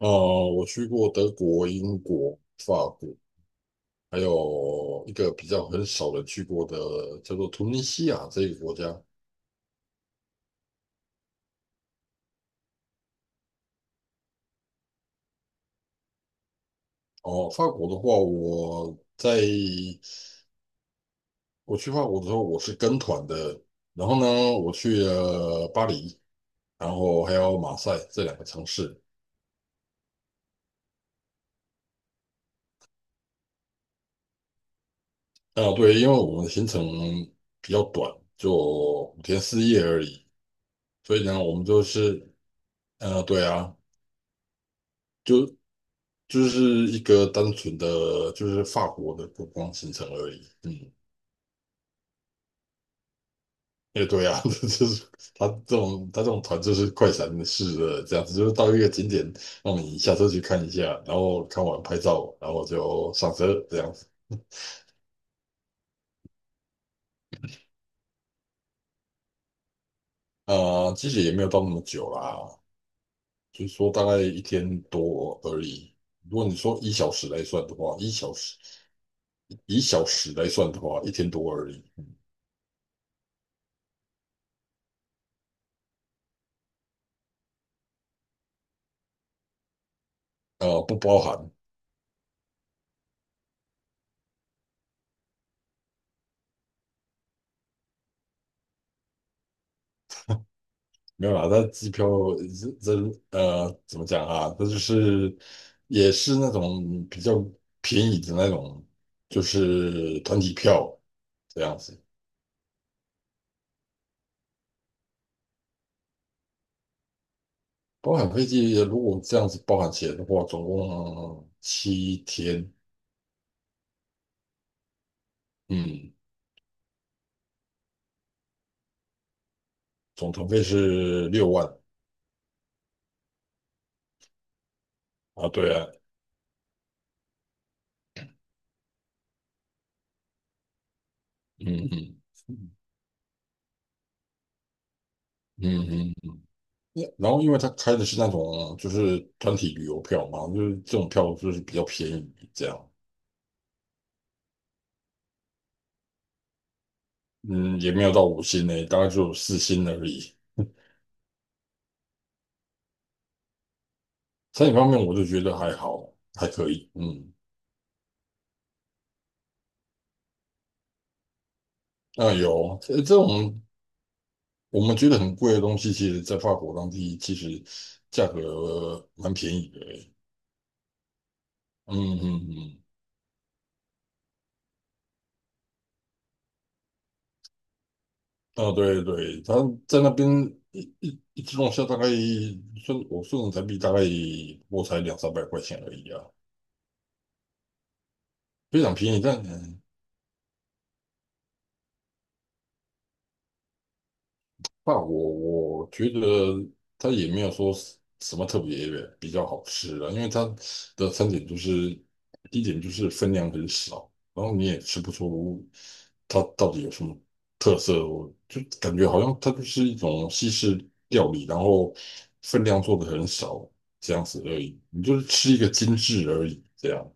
呃，我去过德国、英国、法国，还有一个比较很少人去过的叫做突尼西亚这个国家。哦，法国的话，我去法国的时候，我是跟团的，然后呢，我去了巴黎，然后还有马赛这两个城市。啊，对，因为我们的行程比较短，就5天4夜而已，所以呢，我们就是，对啊。就就是一个单纯的就是法国的观光行程而已。嗯，也对啊，就是他这种团就是快闪式的这样子，就是到一个景点让你下车去看一下，然后看完拍照，然后就上车这样子。啊、其实也没有到那么久啦，就是说大概一天多而已。如果你说一小时来算的话，一小时来算的话，一天多而已。不包含。没有啦，它机票这怎么讲啊？它就是也是那种比较便宜的那种，就是团体票这样子，包含飞机。如果这样子包含起来的话，总共7天，嗯，总团费是6万啊。对啊，嗯嗯嗯嗯嗯。也然后因为他开的是那种就是团体旅游票嘛，就是这种票就是比较便宜这样。嗯，也没有到五星呢，大概就四星而已。餐饮方面，我就觉得还好，还可以。嗯，那有这种我们觉得很贵的东西，其实在法国当地其实价格蛮便宜的欸。嗯嗯嗯，啊对对，他在那边一只龙虾大概算人民币大概我才两三百块钱而已啊，非常便宜。但那我觉得它也没有说是什么特别比较好吃的，因为它的餐点就是第一点就是分量很少，然后你也吃不出它到底有什么特色，我就感觉好像它就是一种西式料理，然后分量做的很少这样子而已，你就是吃一个精致而已这样。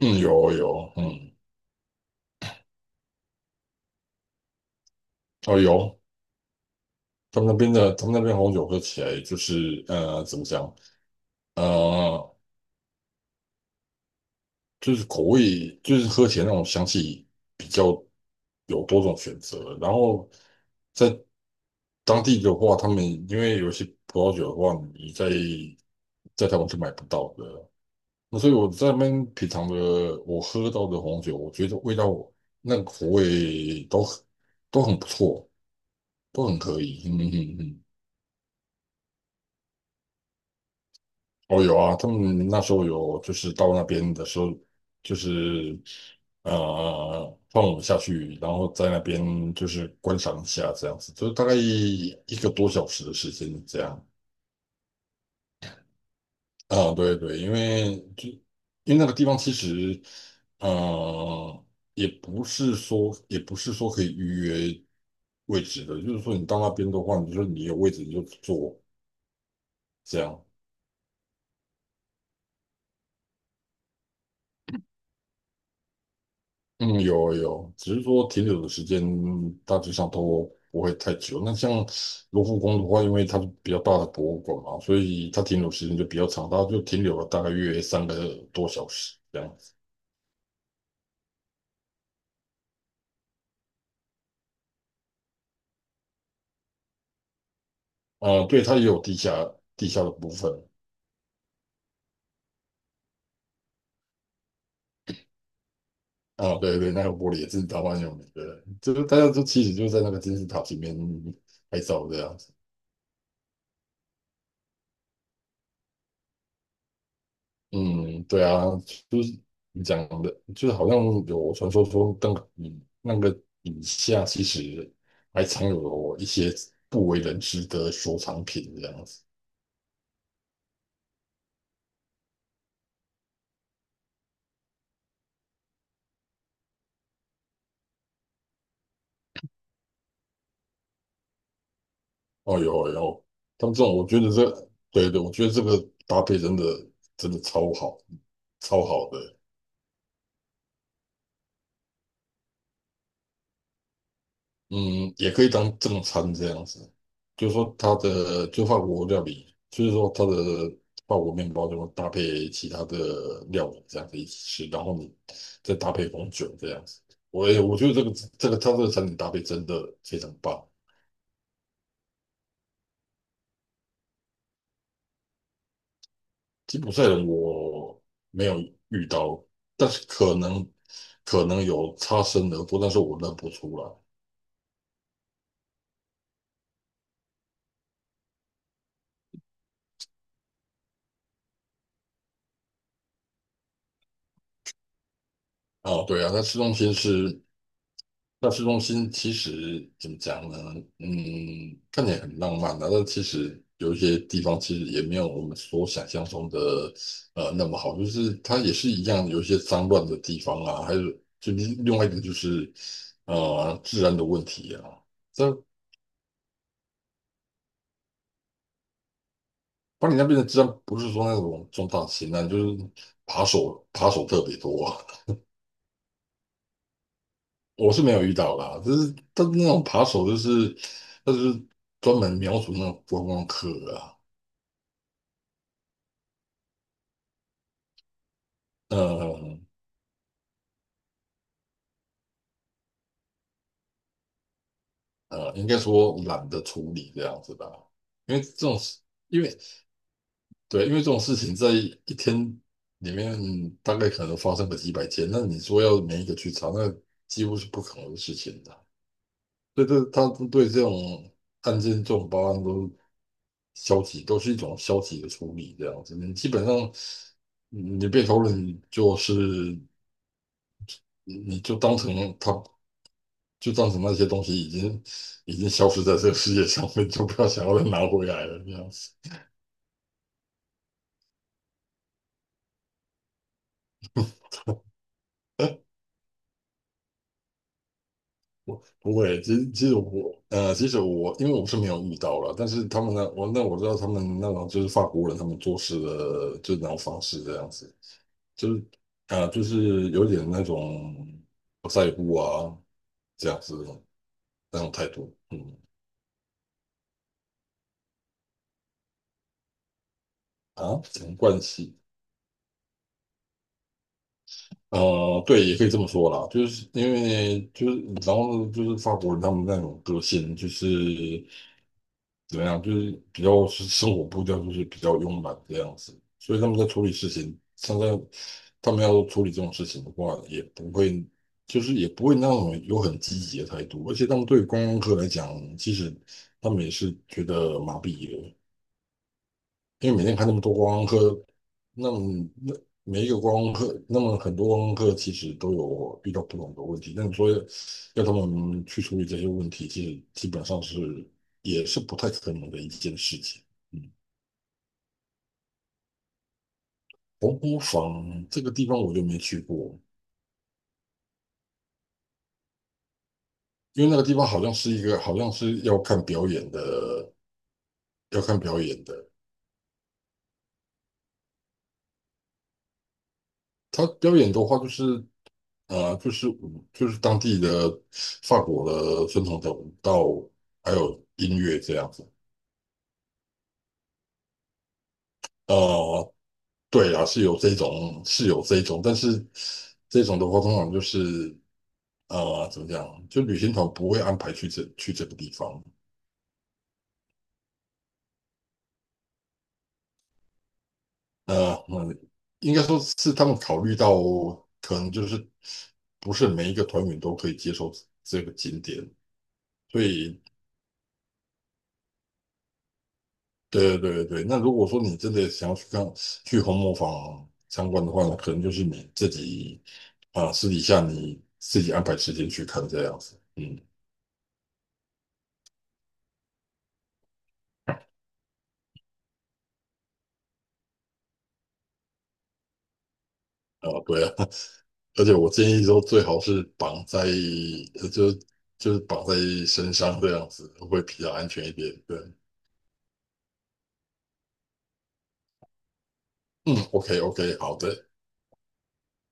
嗯，有有，嗯，哦有，他们那边红酒喝起来就是怎么讲？呃就是口味，就是喝起来那种香气比较有多种选择。然后在当地的话，他们因为有些葡萄酒的话，你在台湾是买不到的。那所以我在那边品尝的，我喝到的红酒，我觉得味道那个口味都很不错，都很可以。嗯嗯嗯。哦，有啊，他们那时候有，就是到那边的时候，就是放我们下去，然后在那边就是观赏一下，这样子，就是大概1个多小时的时间这样。啊、对对，因为那个地方其实，呃，也不是说可以预约位置的，就是说你到那边的话，你就说你有位置你就坐这样。嗯，有有，只是说停留的时间大致上都不会太久。那像卢浮宫的话，因为它是比较大的博物馆嘛，所以它停留时间就比较长，它就停留了大概约3个多小时这样子。啊、对，它也有地下的部分。啊、对对，那个玻璃也是台湾有名的，对，就是大家就其实就在那个金字塔前面拍照这样子。嗯，对啊，就是你讲的，就是好像有传说说那个底那个以下其实还藏有一些不为人知的收藏品这样子。哦呦哦呦，他们这种我觉得对对，我觉得这个搭配真的真的超好，超好的。嗯，也可以当正餐这样子，就是说它的就法国料理，就是说它的法国面包就会搭配其他的料理这样子一起吃，然后你再搭配红酒这样子。我觉得这个这个它这个餐点搭配真的非常棒。吉普赛人我没有遇到，但是可能有擦身而过，但是我认不出来。啊，对啊，那市中心其实怎么讲呢？嗯，看起来很浪漫的，但其实有一些地方其实也没有我们所想象中的那么好，就是它也是一样有一些脏乱的地方啊，还有就另外一个就是治安的问题啊。在巴黎那边的治安不是说那种重大型案，就是扒手特别多啊。我是没有遇到啦，就是但是那种扒手就是他就是专门瞄准那种观光客啊。呃应该说懒得处理这样子吧，因为因为对，因为这种事情在一天里面大概可能发生个几百件，那你说要每一个去查，那几乎是不可能的事情的。所以他们对这种案件、这种报案都消极，都是一种消极的处理这样子。你基本上你被投了，你就当成他就造成那些东西已经消失在这个世界上面，我就不要想要再拿回来了这样子。我不会，其实我因为我是没有遇到了，但是他们呢，我知道他们那种就是法国人他们做事的就那种方式这样子，就是就是有点那种不在乎啊这样子的那种态度。嗯啊，什么关系？对，也可以这么说啦，就是因为就是然后就是法国人他们那种个性就是怎么样，就是比较是生活步调就是比较慵懒这样子，所以他们在处理事情，他们要处理这种事情的话，也不会那种有很积极的态度，而且他们对观光客来讲，其实他们也是觉得麻痹了，因为每天看那么多观光客，那么那每一个观光客，那么很多观光客其实都有遇到不同的问题，那你说要他们去处理这些问题，其实基本上也是不太可能的一件事情。嗯，黄埔坊这个地方我就没去过，因为那个地方好像是一个好像是要看表演的，要看表演的。他表演的话，就是呃，就是就是当地的法国的传统的舞蹈，还有音乐这样子。呃，对啊，是有这种，但是这种的话，通常就是怎么讲，就旅行团不会安排去这个地方。呃，嗯，应该说是他们考虑到，可能就是不是每一个团员都可以接受这个景点，所以对对对，那如果说你真的想要去红磨坊参观的话，呢，可能就是你自己啊、私底下你自己安排时间去看这样子。嗯，啊，对啊，而且我建议说最好是绑在呃就就是绑在身上这样子会比较安全一点。对，嗯，OK OK，好的。